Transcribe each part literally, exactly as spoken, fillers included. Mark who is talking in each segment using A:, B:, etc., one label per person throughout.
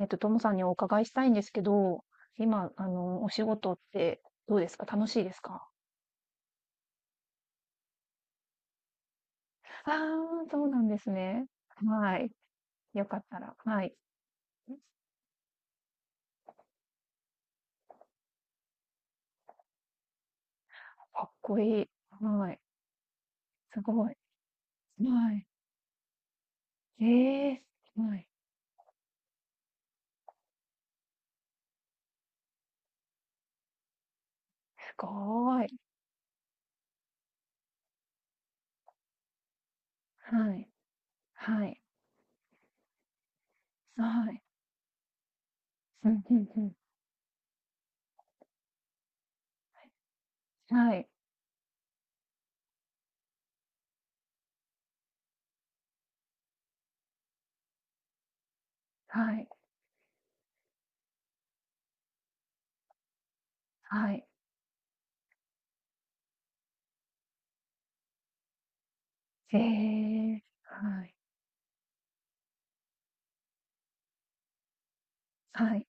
A: えっと、ともさんにお伺いしたいんですけど、今、あの、お仕事ってどうですか？楽しいですか？ああー、そうなんですね。はい。よかったら。はい。かっこいい。はい。すごい。はい。ええ、はい。すごーい。はい。はい。はい。うん、うん、うん。はい。はい。はい。ええ、はい。はい。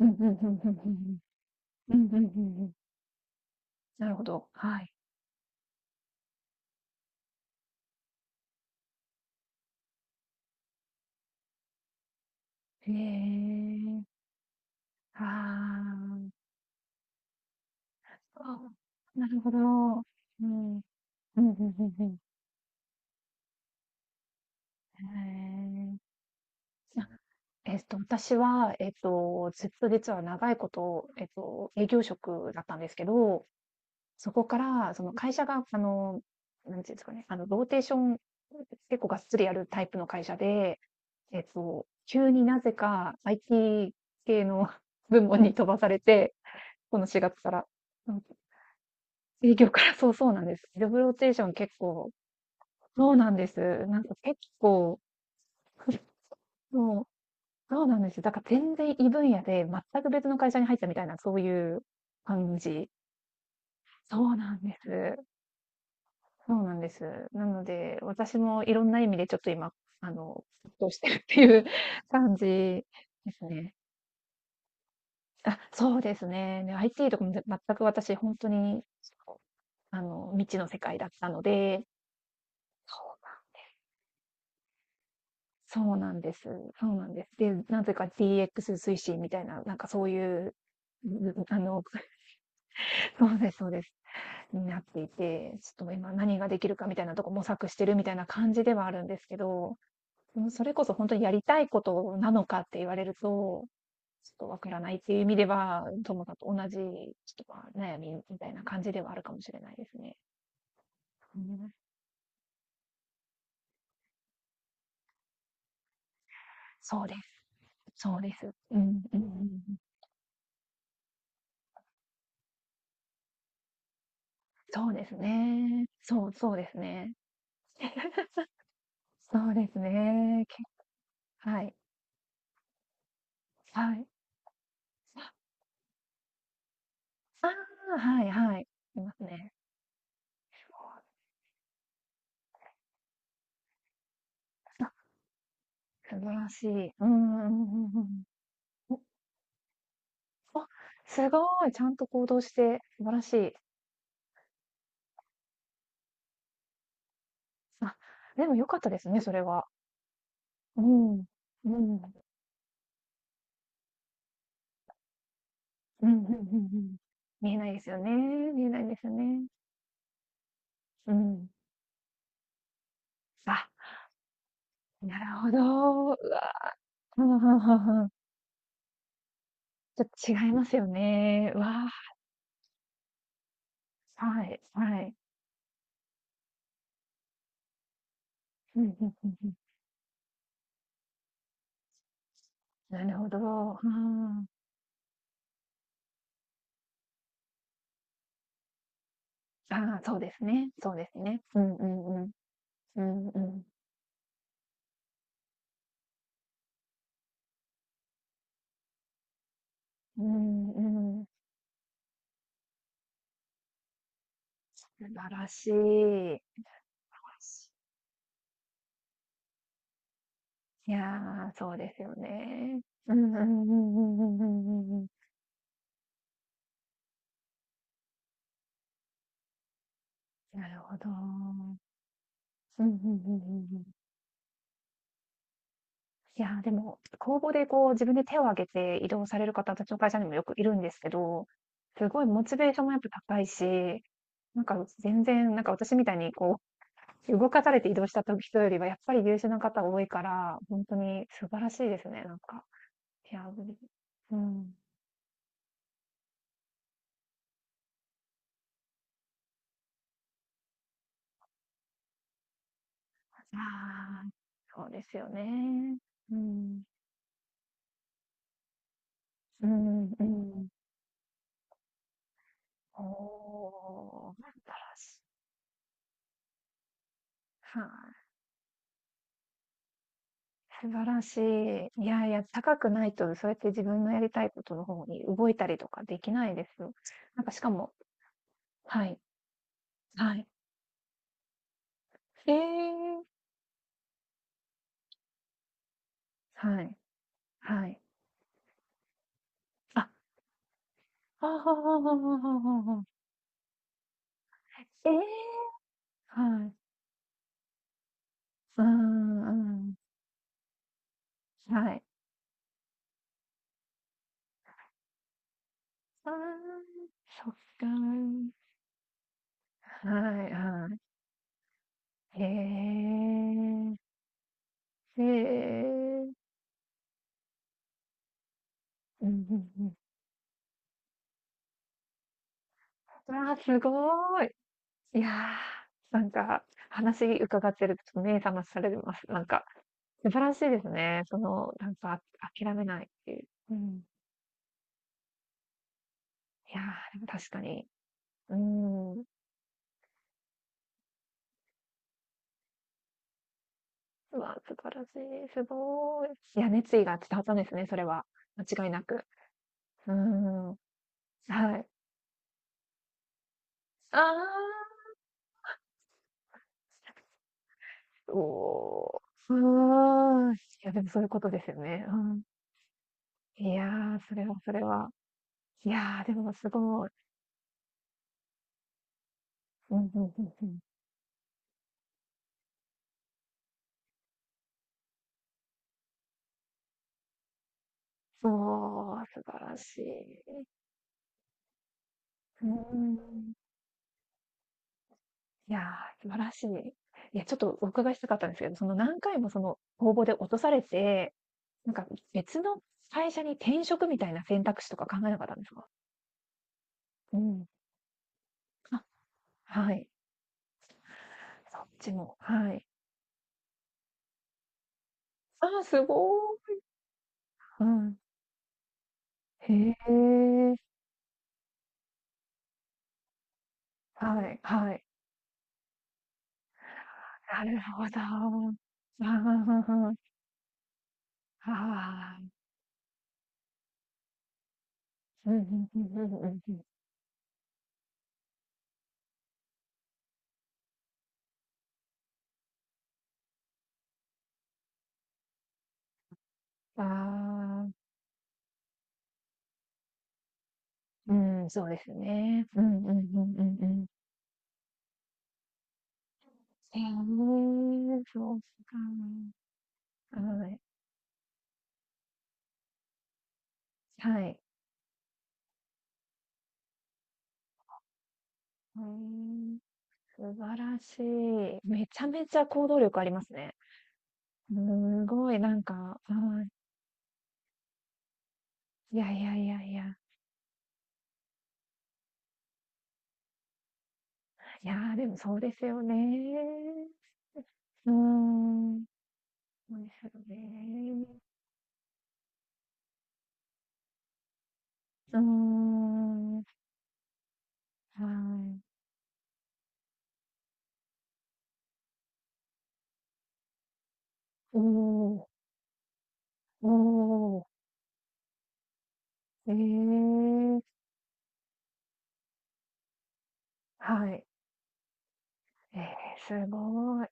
A: うん、うん、うん、うん、うん。うん、うん、うん。うん、なるほど。はい。ええ、ああ、あ、なるほど。うん。うんうんうんうん。へえ。あ、えっと、私は、えっと、ずっと実は長いこと、えっと、営業職だったんですけど、そこから、その会社が、あの、なんていうんですかね、あの、ローテーション、結構がっつりやるタイプの会社で、えっと、急になぜか アイティー 系の 部門に飛ばされて、このしがつから。営業から、そうそうなんです。ジョブローテーション結構、そうなんです。なんか結構、そう、そうなんですよ。だから全然異分野で、全く別の会社に入ったみたいな、そういう感じ。そうなんです。そうなんです。なので、私もいろんな意味でちょっと今、あの、葛藤してるっていう 感じですね。あ、そうですね。で、アイティー とかも全く私、本当に、あの、未知の世界だったので、そうなんです。そうなんです。で、なぜか ディーエックス 推進みたいな、なんかそういう、うん、 あの、そうです、そうです。になっていて、ちょっと今何ができるかみたいなとこ模索してるみたいな感じではあるんですけど、うん、それこそ本当にやりたいことなのかって言われると、ちょっとわからないっていう意味では、ともさんと同じ、ちょっと、ま、悩みみたいな感じではあるかもしれないですね。うん。そうです。そうです。うん、うんうんうん。そうですね。そう、そうですね。そうですね。けはい。はい。ああ、はいはい。いますね。あ、素晴らしい。うんうんうんうんうん。お、あ、すごい。ちゃんと行動して、素晴らしい。あ、でも良かったですね、それは。うん。うん。うんうんうんうん。見えないですよね。見えないですよね。うん。あ、なるほど。うわ、ふんふんふんふん。ちょっと違いますよね。うわ、はい、はい。うん、うんうんうん。なるほど。うん。ああ、そうですね。そうですね。うんうんうん。うんうん。うんうん。素晴らしい。素晴らしい。いやー、そうですよね。うんうんうんうんうんうんうんうん。なるほど。うんうんうんうんうん。いやー、でも、公募でこう自分で手を挙げて移動される方、私の会社にもよくいるんですけど、すごいモチベーションもやっぱ高いし、なんか全然、なんか私みたいにこう動かされて移動したと人よりはやっぱり優秀な方多いから、ほんとに素晴らしいですね、なんか。いや、うん。ああ、そうですよね。うん。うんうん。おー、素晴らしい。はい。素晴らしい。いやいや、高くないとそうやって自分のやりたいことの方に動いたりとかできないですよ。なんかしかも、はい、はい。ええ。はい、はい。あ、あはあはあはあはあはあはあ。ええ！はい。うんうんうん。はい。ああ、そっか。はいはい。へえ。へえ。うんうんうん。わあ、すごい。いや、なんか、話伺ってると目覚まされます。なんか、素晴らしいですね。その、なんか、あ、諦めないっていう。うん。いや、でも確かに。うーん。うわ、素晴らしい、すごい。いや、熱意が伝わったんですね、それは。間違いなく。うーん。はい。ああ、おお、うーん。いや、でもそういうことですよね。うん。いやー、それはそれは。いやー、でもすごい。うんうんうんうん。そう、素晴らしい。うーん。いやー、素晴らしい。いや、ちょっとお伺いしたかったんですけど、その何回もその応募で落とされて、なんか別の会社に転職みたいな選択肢とか考えなかったんですか？うん。あ、はい。そっちも、はい。ああ、すごい。うん。へえ、はいはい。なるほど。ああ、ああ、うんうんうんうんうんうん。ああ、うん、そうですね。うんうんうんうんうん。へえ、そうか。はい。はい。へえ、素晴らしい。めちゃめちゃ行動力ありますね。すごいなんか、はい。いやいやいやいや。いやー、でもそうですよね。うーん。そいですね。うーん、はい。おー、おー、えー、はい。えー、すごい。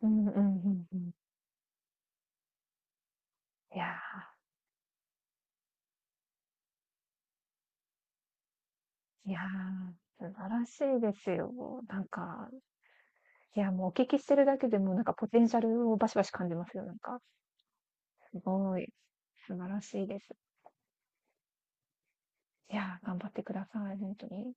A: うんうんうんうん。いやー、いやー、素晴らしいですよ。なんか、いや、もうお聞きしてるだけでも、なんかポテンシャルをバシバシ感じますよ。なんか、すごい、素晴らしいです。いやー、頑張ってください、本当に。